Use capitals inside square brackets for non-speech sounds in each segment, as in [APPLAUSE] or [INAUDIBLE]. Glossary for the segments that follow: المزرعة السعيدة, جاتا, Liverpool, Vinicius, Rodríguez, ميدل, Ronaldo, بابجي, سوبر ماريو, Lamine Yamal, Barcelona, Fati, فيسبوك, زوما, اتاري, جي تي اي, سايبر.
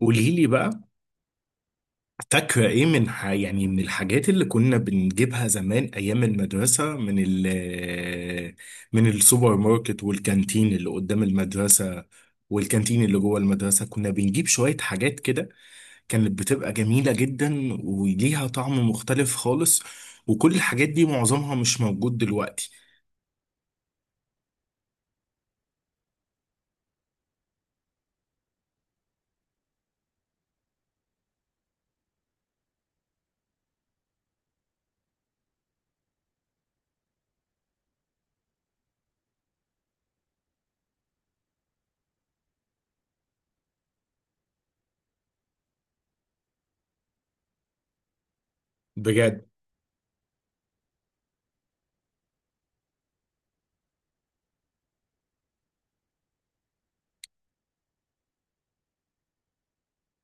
قولي لي بقى. فاكرة ايه من ح... يعني من الحاجات اللي كنا بنجيبها زمان ايام المدرسة، من السوبر ماركت والكانتين اللي قدام المدرسة، والكانتين اللي جوه المدرسة. كنا بنجيب شوية حاجات كده كانت بتبقى جميلة جدا وليها طعم مختلف خالص، وكل الحاجات دي معظمها مش موجود دلوقتي. بجد؟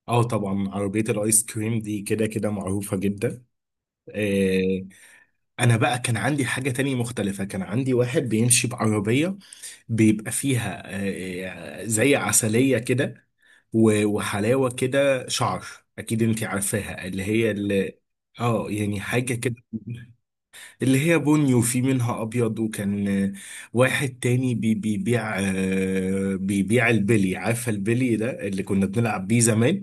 اه طبعا عربية الايس كريم دي كده كده معروفة جدا. آه، انا بقى كان عندي حاجة تانية مختلفة، كان عندي واحد بيمشي بعربية بيبقى فيها آه، زي عسلية كده، وحلاوة كده شعر. اكيد انتي عارفاها، اللي هي اللي اه يعني حاجة كده. اللي هي بني وفي منها ابيض، وكان آه، واحد تاني بيبيع آه، بيبيع البلي. عارفة البلي ده اللي كنا بنلعب بيه زمان؟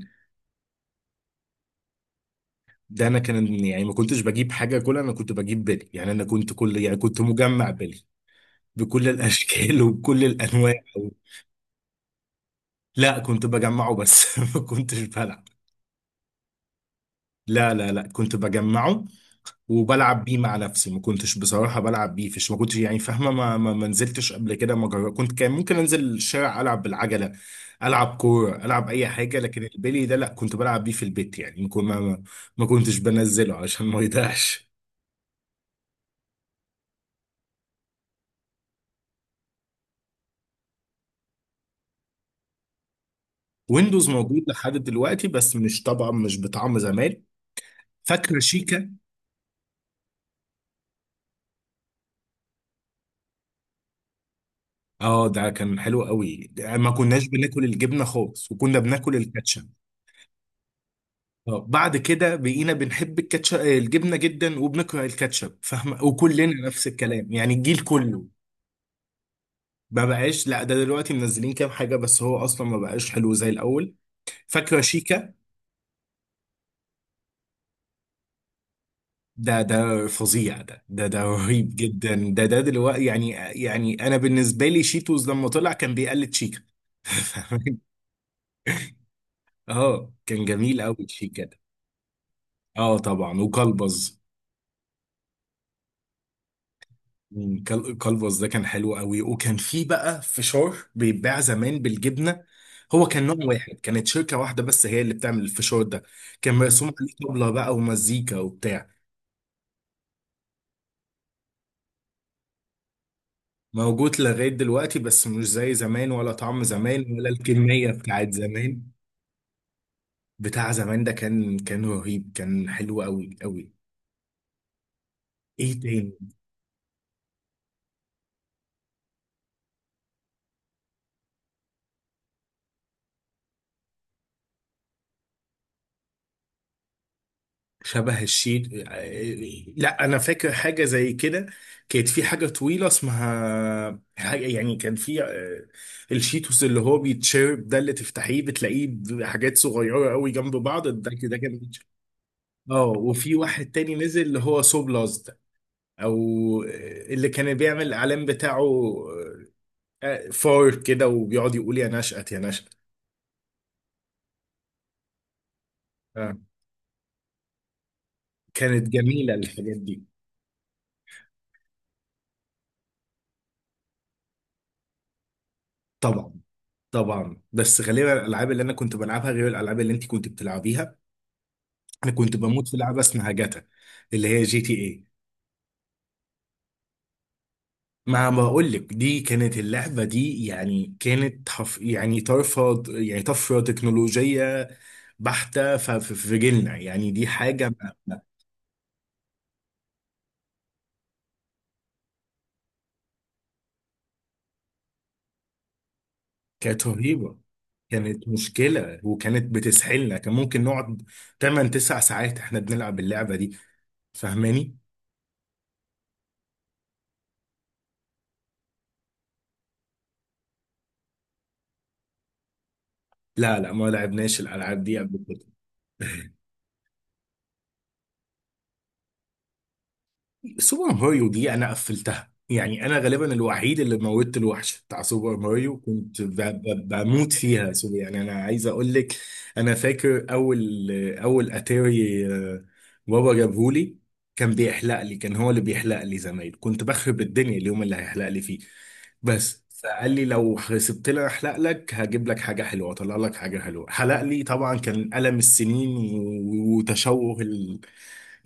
ده انا كان يعني ما كنتش بجيب حاجة كلها، انا كنت بجيب بلي. يعني انا كنت كل يعني كنت مجمع بلي بكل الاشكال وبكل الانواع. لا، كنت بجمعه بس [LAUGHS] ما كنتش بلعب. لا لا لا، كنت بجمعه وبلعب بيه مع نفسي. ما كنتش بصراحة بلعب بيه فيش، ما كنتش يعني فاهمة، ما نزلتش قبل كده ما جرب. كنت كان ممكن انزل الشارع العب بالعجلة، العب كورة العب اي حاجة، لكن البلي ده لا، كنت بلعب بيه في البيت. يعني ما كنتش بنزله عشان ما يضيعش. ويندوز موجود لحد دلوقتي بس مش طبعا مش بطعم زمان. فاكرة شيكا؟ اه، ده كان حلو قوي ده. ما كناش بناكل الجبنه خالص، وكنا بناكل الكاتشب. اه بعد كده بقينا بنحب الكاتشب الجبنه جدا وبنكره الكاتشب، فاهمه؟ وكلنا نفس الكلام يعني الجيل كله. ما بقاش، لا ده دلوقتي منزلين كام حاجه بس هو اصلا ما بقاش حلو زي الاول. فاكره شيكا؟ ده ده فظيع، ده ده ده رهيب جدا، ده ده دلوقتي يعني. يعني انا بالنسبه لي شيتوز لما طلع كان بيقلد شيكا. [LAUGHS] فاهمة؟ اه كان جميل قوي شيكا ده. اه طبعا، وكلبز. مم، كالفاس ده كان حلو قوي. وكان في بقى فشار بيتباع زمان بالجبنه، هو كان نوع واحد، كانت شركه واحده بس هي اللي بتعمل الفشار ده. كان مرسوم عليه طبله بقى ومزيكا وبتاع. موجود لغايه دلوقتي بس مش زي زمان، ولا طعم زمان، ولا الكميه بتاعت زمان. بتاع زمان ده كان رهيب، كان حلو قوي قوي. ايه تاني؟ شبه الشيت، لا انا فاكر حاجه زي كده. كانت في حاجه طويله اسمها حاجه، يعني كان في آه، الشيتوس اللي هو بيتشرب ده، اللي تفتحيه بتلاقيه بحاجات صغيره قوي جنب بعض ده كده كان بيتشرب. اه وفي واحد تاني نزل اللي هو سوبلاز ده، او آه، اللي كان بيعمل الاعلان بتاعه آه، فار كده وبيقعد يقول يا نشأت يا نشأت. آه، كانت جميله الحاجات دي. طبعا طبعا. بس غالبا الالعاب اللي انا كنت بلعبها غير الالعاب اللي انت كنت بتلعبيها. انا كنت بموت في لعبه اسمها جاتا، اللي هي جي تي اي. ما بقول لك، دي كانت اللعبه دي يعني كانت حف يعني طرفه يعني طفره تكنولوجيه بحته في جيلنا. يعني دي حاجه كانت رهيبه، كانت مشكله وكانت بتسحلنا. كان ممكن نقعد 8 9 ساعات احنا بنلعب اللعبه دي، فاهماني؟ لا لا، ما لعبناش الالعاب دي قبل كده. سوبر ماريو دي انا قفلتها، يعني انا غالبا الوحيد اللي موتت الوحش بتاع سوبر ماريو. كنت بموت فيها سو يعني انا عايز اقول لك. انا فاكر اول، اول اتاري آه، بابا جابهولي. كان بيحلق لي، كان هو اللي بيحلق لي زمان. كنت بخرب الدنيا اليوم اللي هيحلق لي فيه، بس فقال لي لو سبت لي احلق لك هجيب لك حاجه حلوه، اطلع لك حاجه حلوه. حلق لي طبعا كان الم السنين وتشوه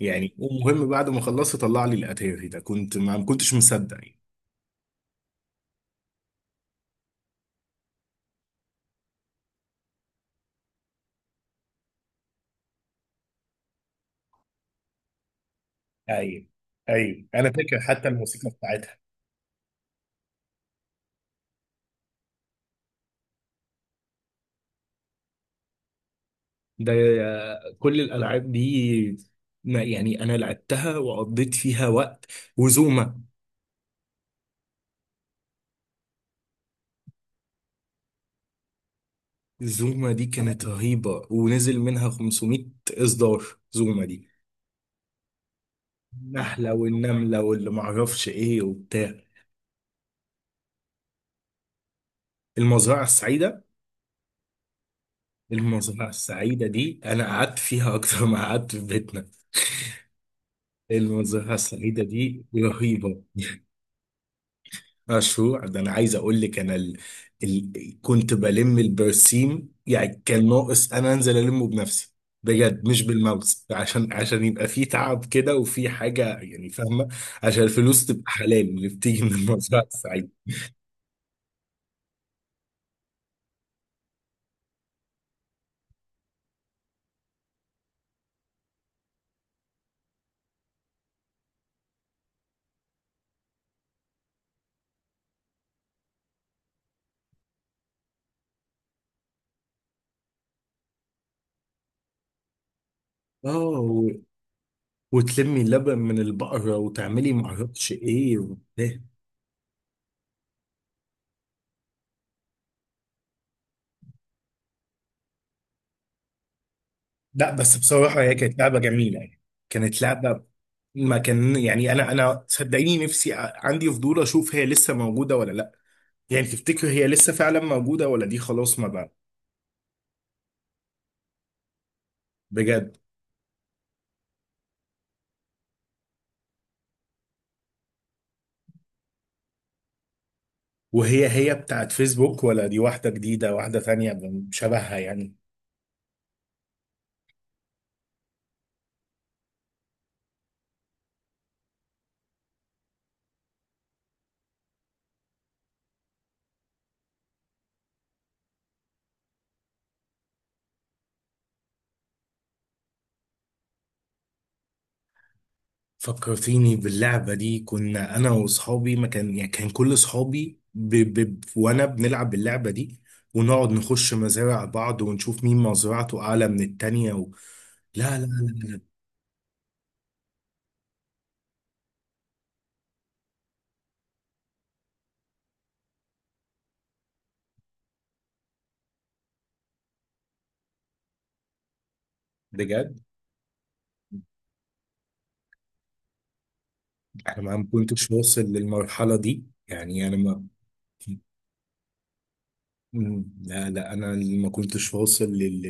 يعني، ومهم بعد ما خلصت طلع لي الاتاري ده. كنت ما كنتش مصدق يعني. ايوه ايوه، انا فاكر حتى الموسيقى بتاعتها. ده كل الالعاب دي ما يعني انا لعبتها وقضيت فيها وقت. وزوما، زوما دي كانت رهيبة. ونزل منها 500 اصدار زوما دي. النحلة والنملة واللي معرفش ايه وبتاع. المزرعة السعيدة، المزرعة السعيدة دي انا قعدت فيها اكتر ما قعدت في بيتنا. المنظرة السعيدة دي رهيبة. مشروع، ده أنا عايز أقول لك ال... كنت بلم البرسيم. يعني كان ناقص أنا أنزل ألمه بنفسي بجد، مش بالماوس، عشان عشان يبقى في تعب كده وفي حاجة يعني فاهمة، عشان الفلوس تبقى حلال اللي بتيجي من المزرعة السعيدة. اه وتلمي اللبن من البقرة وتعملي معرفش إيه وبتاع. لا بس بصراحة هي كانت لعبة جميلة يعني. كانت لعبة ما كان يعني. أنا أنا صدقيني نفسي عندي فضول أشوف هي لسه موجودة ولا لأ. يعني تفتكر هي لسه فعلا موجودة ولا دي خلاص ما بقى؟ بجد؟ وهي هي بتاعت فيسبوك ولا دي واحدة جديدة، واحدة ثانية شبهها يعني؟ فكرتيني باللعبة دي. كنا أنا وأصحابي ما كان يعني كان كل أصحابي وأنا بنلعب اللعبة دي، ونقعد نخش مزارع بعض ونشوف مين مزرعته أعلى من التانية لا لا لا، بجد انا ما كنتش واصل للمرحلة دي يعني انا ما. مم، لا لا انا اللي ما كنتش واصل لل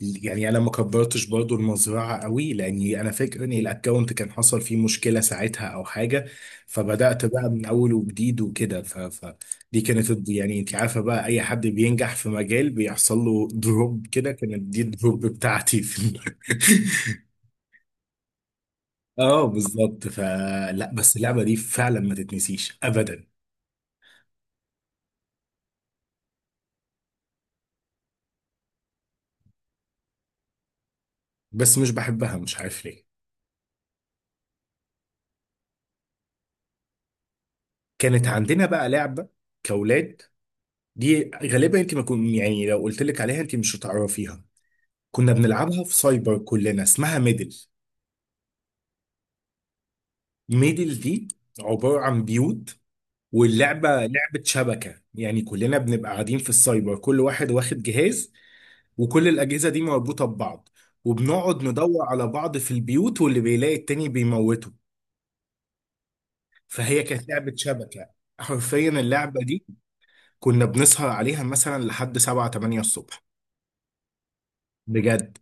لل- يعني انا ما كبرتش برضو المزرعة قوي، لاني انا فاكر ان الاكونت كان حصل فيه مشكلة ساعتها او حاجة. فبدأت بقى من اول وجديد وكده. فدي كانت يعني انت عارفة بقى اي حد بينجح في مجال بيحصل له دروب كده. كانت دي الدروب بتاعتي في [LAUGHS] اه بالظبط، فلا بس اللعبة دي فعلا ما تتنسيش ابدا. بس مش بحبها، مش عارف ليه. كانت عندنا بقى لعبة كأولاد. دي غالبا انت ما كن يعني لو قلت لك عليها انت مش هتعرفيها. كنا بنلعبها في سايبر كلنا، اسمها ميدل. ميدل دي عبارة عن بيوت، واللعبة لعبة شبكة. يعني كلنا بنبقى قاعدين في السايبر كل واحد واخد جهاز، وكل الأجهزة دي مربوطة ببعض. وبنقعد ندور على بعض في البيوت واللي بيلاقي التاني بيموته. فهي كانت لعبة شبكة حرفيا. اللعبة دي كنا بنسهر عليها مثلا لحد 7 8 الصبح، بجد.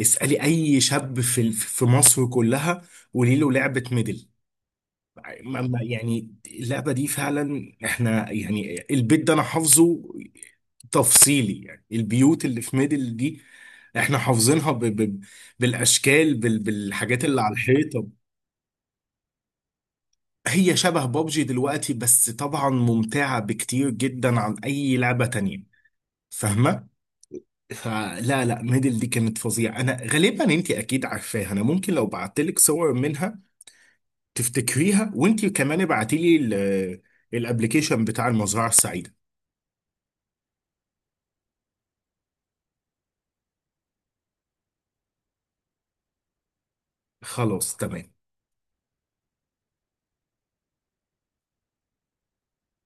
اسألي اي شاب في في مصر كلها، قولي له لعبة ميدل. يعني اللعبة دي فعلا، احنا يعني البيت ده انا حافظه تفصيلي يعني. البيوت اللي في ميدل دي احنا حافظينها ب ب بالاشكال بالحاجات اللي على الحيطة. هي شبه بابجي دلوقتي، بس طبعا ممتعة بكتير جدا عن اي لعبة تانية، فاهمة؟ فلا لا، ميدل دي كانت فظيعة. أنا غالبا أنت أكيد عارفاها. أنا ممكن لو بعت لك صور منها تفتكريها، وأنت كمان ابعتي لي الابلكيشن بتاع المزرعة السعيدة. خلاص تمام.